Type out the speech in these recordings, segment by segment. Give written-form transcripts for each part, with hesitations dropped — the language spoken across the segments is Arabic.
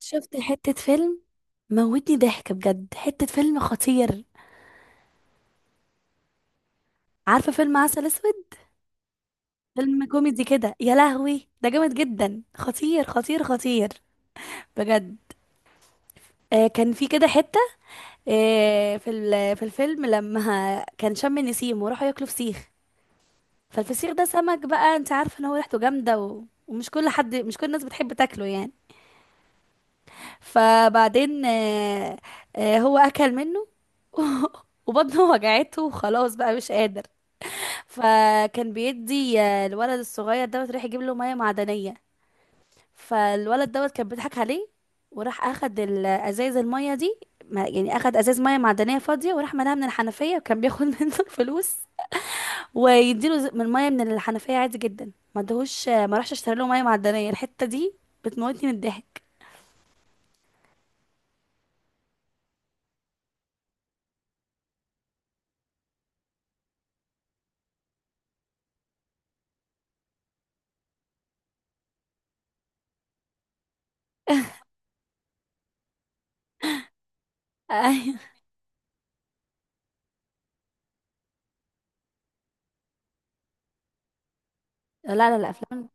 شفت حتة فيلم، موتني ضحك بجد، حتة فيلم خطير. عارفة فيلم عسل اسود؟ فيلم كوميدي كده، يا لهوي، ده جامد جدا، خطير خطير خطير، بجد. كان في كده حتة. في الفيلم لما كان شم النسيم وراحوا ياكلوا فسيخ. فالفسيخ ده سمك بقى، انت عارفة ان هو ريحته جامدة ومش كل حد مش كل الناس بتحب تاكله يعني. فبعدين هو اكل منه وبطنه وجعته وخلاص بقى مش قادر. فكان بيدي، الولد الصغير دوت راح يجيب له ميه معدنيه. فالولد دوت كان بيضحك عليه، وراح اخد الازايز الميه دي، يعني اخد ازاز ميه معدنيه فاضيه وراح ملاها من الحنفيه، وكان بياخد منه الفلوس، ويديله من ميه من الحنفيه عادي جدا، ما ادهوش، ما راحش اشتري له ميه معدنيه الحته دي. بتموتني من الضحك. ايوه. لا لا لا، افلام.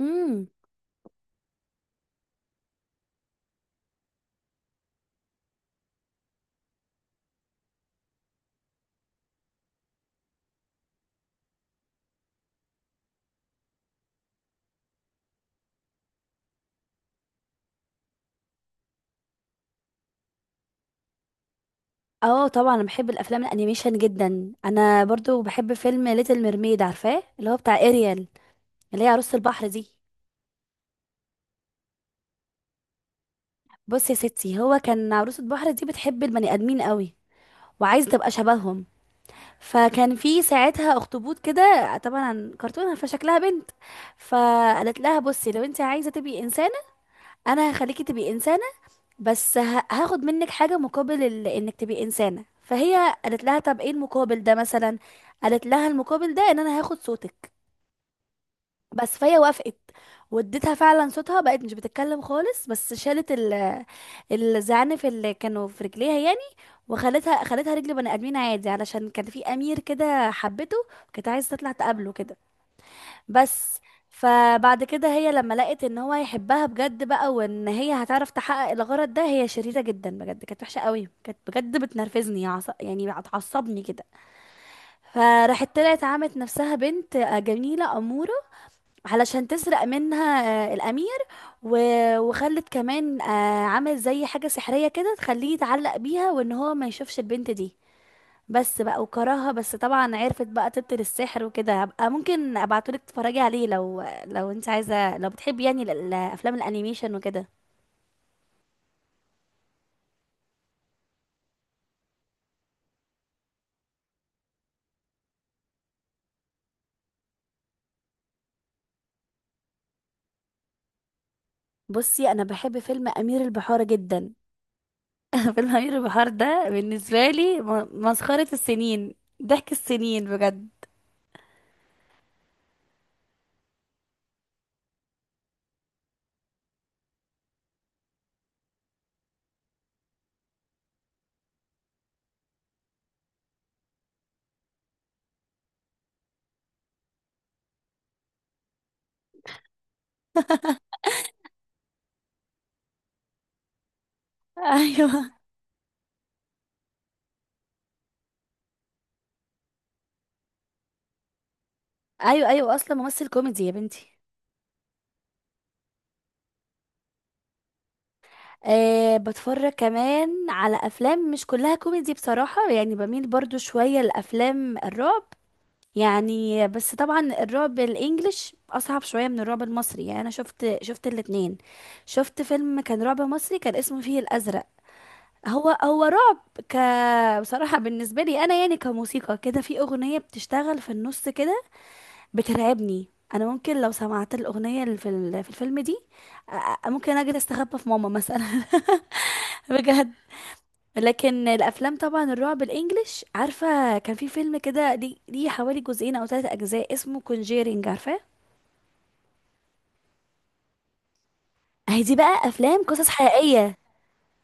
امم. اه طبعا، انا بحب الافلام الانيميشن جدا، انا برضو بحب فيلم ليتل ميرميد، عارفاه؟ اللي هو بتاع اريال، اللي هي عروسة البحر دي. بص يا ستي، هو كان عروسة البحر دي بتحب البني آدمين قوي، وعايزة تبقى شبههم. فكان في ساعتها اخطبوط كده، طبعا كرتونة فشكلها بنت. فقالت لها: بصي، لو انت عايزة تبقي إنسانة انا هخليكي تبقي إنسانة، بس هاخد منك حاجة مقابل انك تبقي إنسانة. فهي قالت لها: طب ايه المقابل ده مثلا؟ قالت لها: المقابل ده ان انا هاخد صوتك بس. فهي وافقت، واديتها فعلا صوتها، بقت مش بتتكلم خالص، بس شالت ال الزعانف اللي كانوا في رجليها يعني، وخلتها رجل بني ادمين عادي، علشان كان في امير كده حبته، كانت عايزه تطلع تقابله كده بس. فبعد كده هي لما لقت ان هو هيحبها بجد بقى وان هي هتعرف تحقق الغرض ده، هي شريرة جدا بجد، كانت وحشة قوي، كانت بجد بتنرفزني، يعني بتعصبني كده. فراحت طلعت عملت نفسها بنت جميلة أمورة علشان تسرق منها الأمير. و... وخلت كمان، عمل زي حاجة سحرية كده تخليه يتعلق بيها وإن هو ما يشوفش البنت دي بس بقى، وكرهها. بس طبعا عرفت بقى تبطل السحر وكده. هبقى ممكن ابعتولك تتفرجي عليه لو انت عايزة، لو بتحبي يعني افلام الانيميشن وكده. بصي انا بحب فيلم امير البحار جدا، فيلم امير البحار ده بالنسبة لي مسخرة السنين، ضحك السنين بجد. ايوه. ايوه ايوه، اصلا ممثل كوميدي يا بنتي. أه بتفرج كمان على افلام مش كلها كوميدي بصراحة، يعني بميل برضو شوية لافلام الرعب يعني. بس طبعا الرعب الانجليش اصعب شوية من الرعب المصري يعني. انا شفت، الاتنين. شفت فيلم كان رعب مصري كان اسمه فيه الازرق. هو رعب. ك بصراحة بالنسبة لي انا يعني كموسيقى كده، في اغنية بتشتغل في النص كده بترعبني. انا ممكن لو سمعت الاغنيه اللي في في الفيلم دي، ممكن اجي استخبى في ماما مثلا بجد. لكن الافلام طبعا الرعب الانجليش، عارفه كان في فيلم كده، ليه حوالي جزئين او ثلاثة اجزاء، اسمه كونجيرينج، عارفاه؟ اهي دي بقى افلام قصص حقيقيه.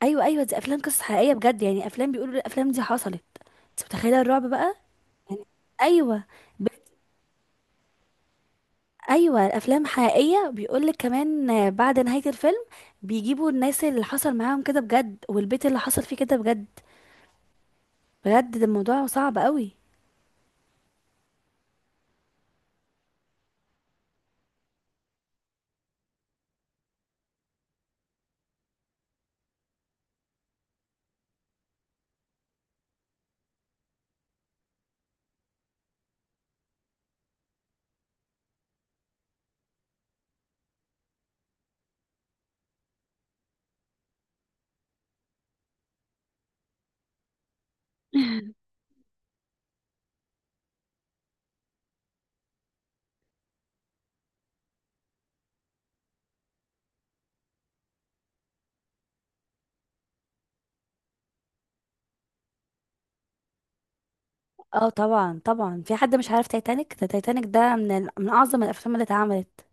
ايوه ايوه، دي افلام قصص حقيقيه بجد، يعني افلام بيقولوا الافلام دي حصلت. انت متخيله الرعب بقى؟ يعني. ايوه. ايوه الافلام حقيقيه، بيقولك كمان، بعد نهايه الفيلم بيجيبوا الناس اللي حصل معاهم كده بجد، والبيت اللي حصل فيه كده بجد. بجد ده الموضوع صعب قوي. اه طبعا طبعا، في حد مش عارف تايتانيك؟ ده تايتانيك ده من من اعظم الافلام اللي اتعملت.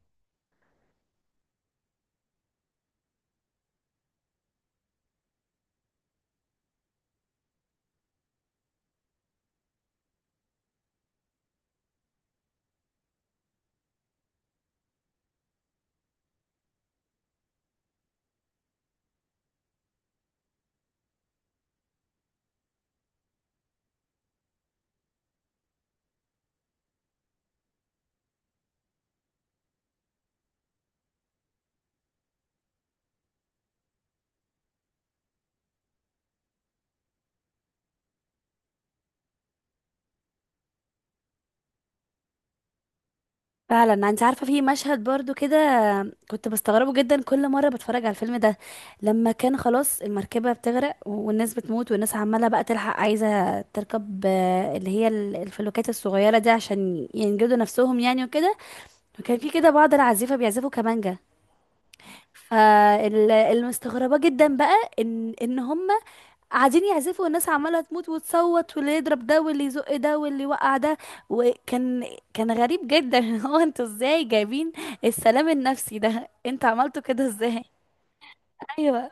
فعلا، انت عارفه في مشهد برضو كده كنت بستغربه جدا كل مره بتفرج على الفيلم ده. لما كان خلاص المركبه بتغرق والناس بتموت والناس عماله بقى تلحق عايزه تركب، اللي هي الفلوكات الصغيره دي، عشان ينجدوا نفسهم يعني وكده. وكان في كده بعض العازفه بيعزفوا كمانجا. فالمستغربه جدا بقى ان هم قاعدين يعزفوا، والناس عماله تموت وتصوت، واللي يضرب ده، واللي يزق ده، واللي يوقع ده. وكان كان غريب جدا. هو انتوا ازاي جايبين السلام النفسي ده؟ انتوا عملتوا كده ازاي؟ ايوه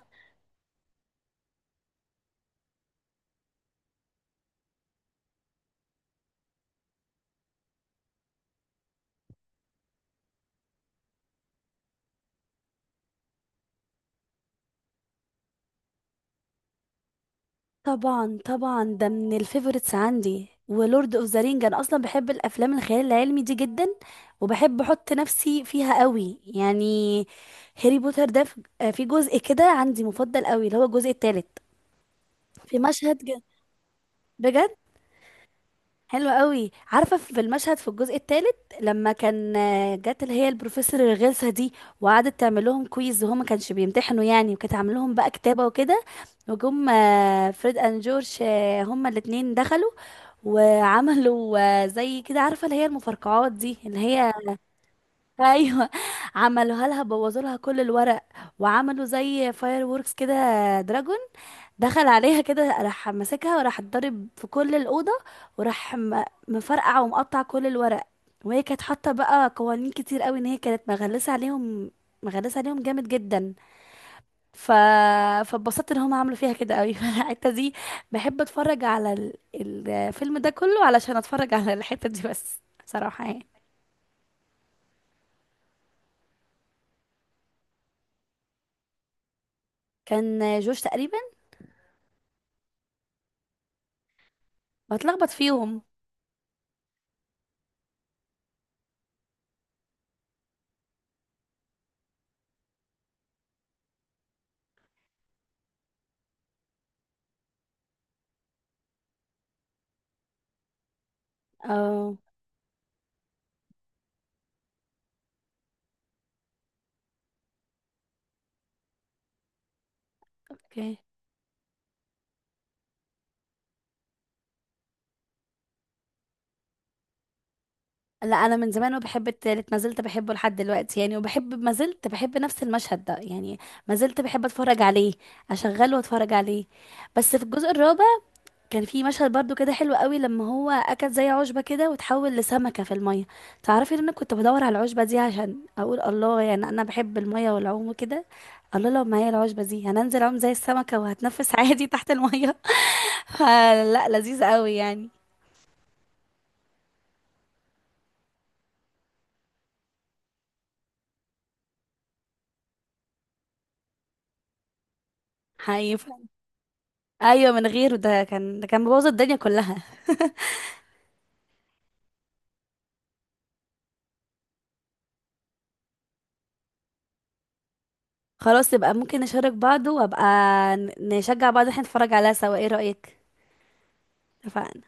طبعا طبعا، ده من الفيفوريتس عندي، ولورد اوف ذا رينج. انا اصلا بحب الافلام الخيال العلمي دي جدا، وبحب احط نفسي فيها قوي يعني. هاري بوتر ده، في جزء كده عندي مفضل قوي، اللي هو الجزء الثالث. في مشهد بجد حلو قوي. عارفه في المشهد في الجزء الثالث، لما كان، جت اللي هي البروفيسور الغلسه دي، وقعدت تعمل لهم كويز وهم ما كانش بيمتحنوا يعني، وكانت عامله لهم بقى كتابه وكده. وجم، فريد اند جورج، هما الاثنين دخلوا وعملوا، زي كده عارفه اللي هي المفرقعات دي اللي هي ايوه. عملوها لها، بوظوا لها كل الورق، وعملوا زي فاير ووركس كده. دراجون دخل عليها كده، راح ماسكها وراح اتضرب في كل الأوضة، وراح مفرقع ومقطع كل الورق. وهي كانت حاطة بقى قوانين كتير قوي، ان هي كانت مغلسة عليهم، مغلسة عليهم جامد جدا. ف... فاتبسطت ان هم عملوا فيها كده قوي. فالحتة دي بحب اتفرج على الفيلم ده كله علشان اتفرج على الحتة دي بس صراحة يعني. كان جوش تقريبا. بتلخبط فيهم. اه. اوكي. لا انا من زمان وبحب التالت، ما زلت بحبه لحد دلوقتي يعني، وبحب، ما زلت بحب نفس المشهد ده يعني، ما زلت بحب اتفرج عليه، اشغله واتفرج عليه. بس في الجزء الرابع كان في مشهد برضو كده حلو قوي، لما هو اكل زي عشبة كده وتحول لسمكة في المية. تعرفي ان انا كنت بدور على العشبة دي عشان اقول الله، يعني انا بحب المية والعوم وكده، الله لو معايا العشبة دي هننزل اعوم زي السمكة، وهتنفس عادي تحت المية. فلا لذيذ قوي يعني. حقيقي. ايوه من غيره، ده كان مبوظ الدنيا كلها. خلاص يبقى ممكن نشارك بعض، وابقى نشجع بعض، احنا نتفرج عليها سوا، ايه رأيك؟ اتفقنا.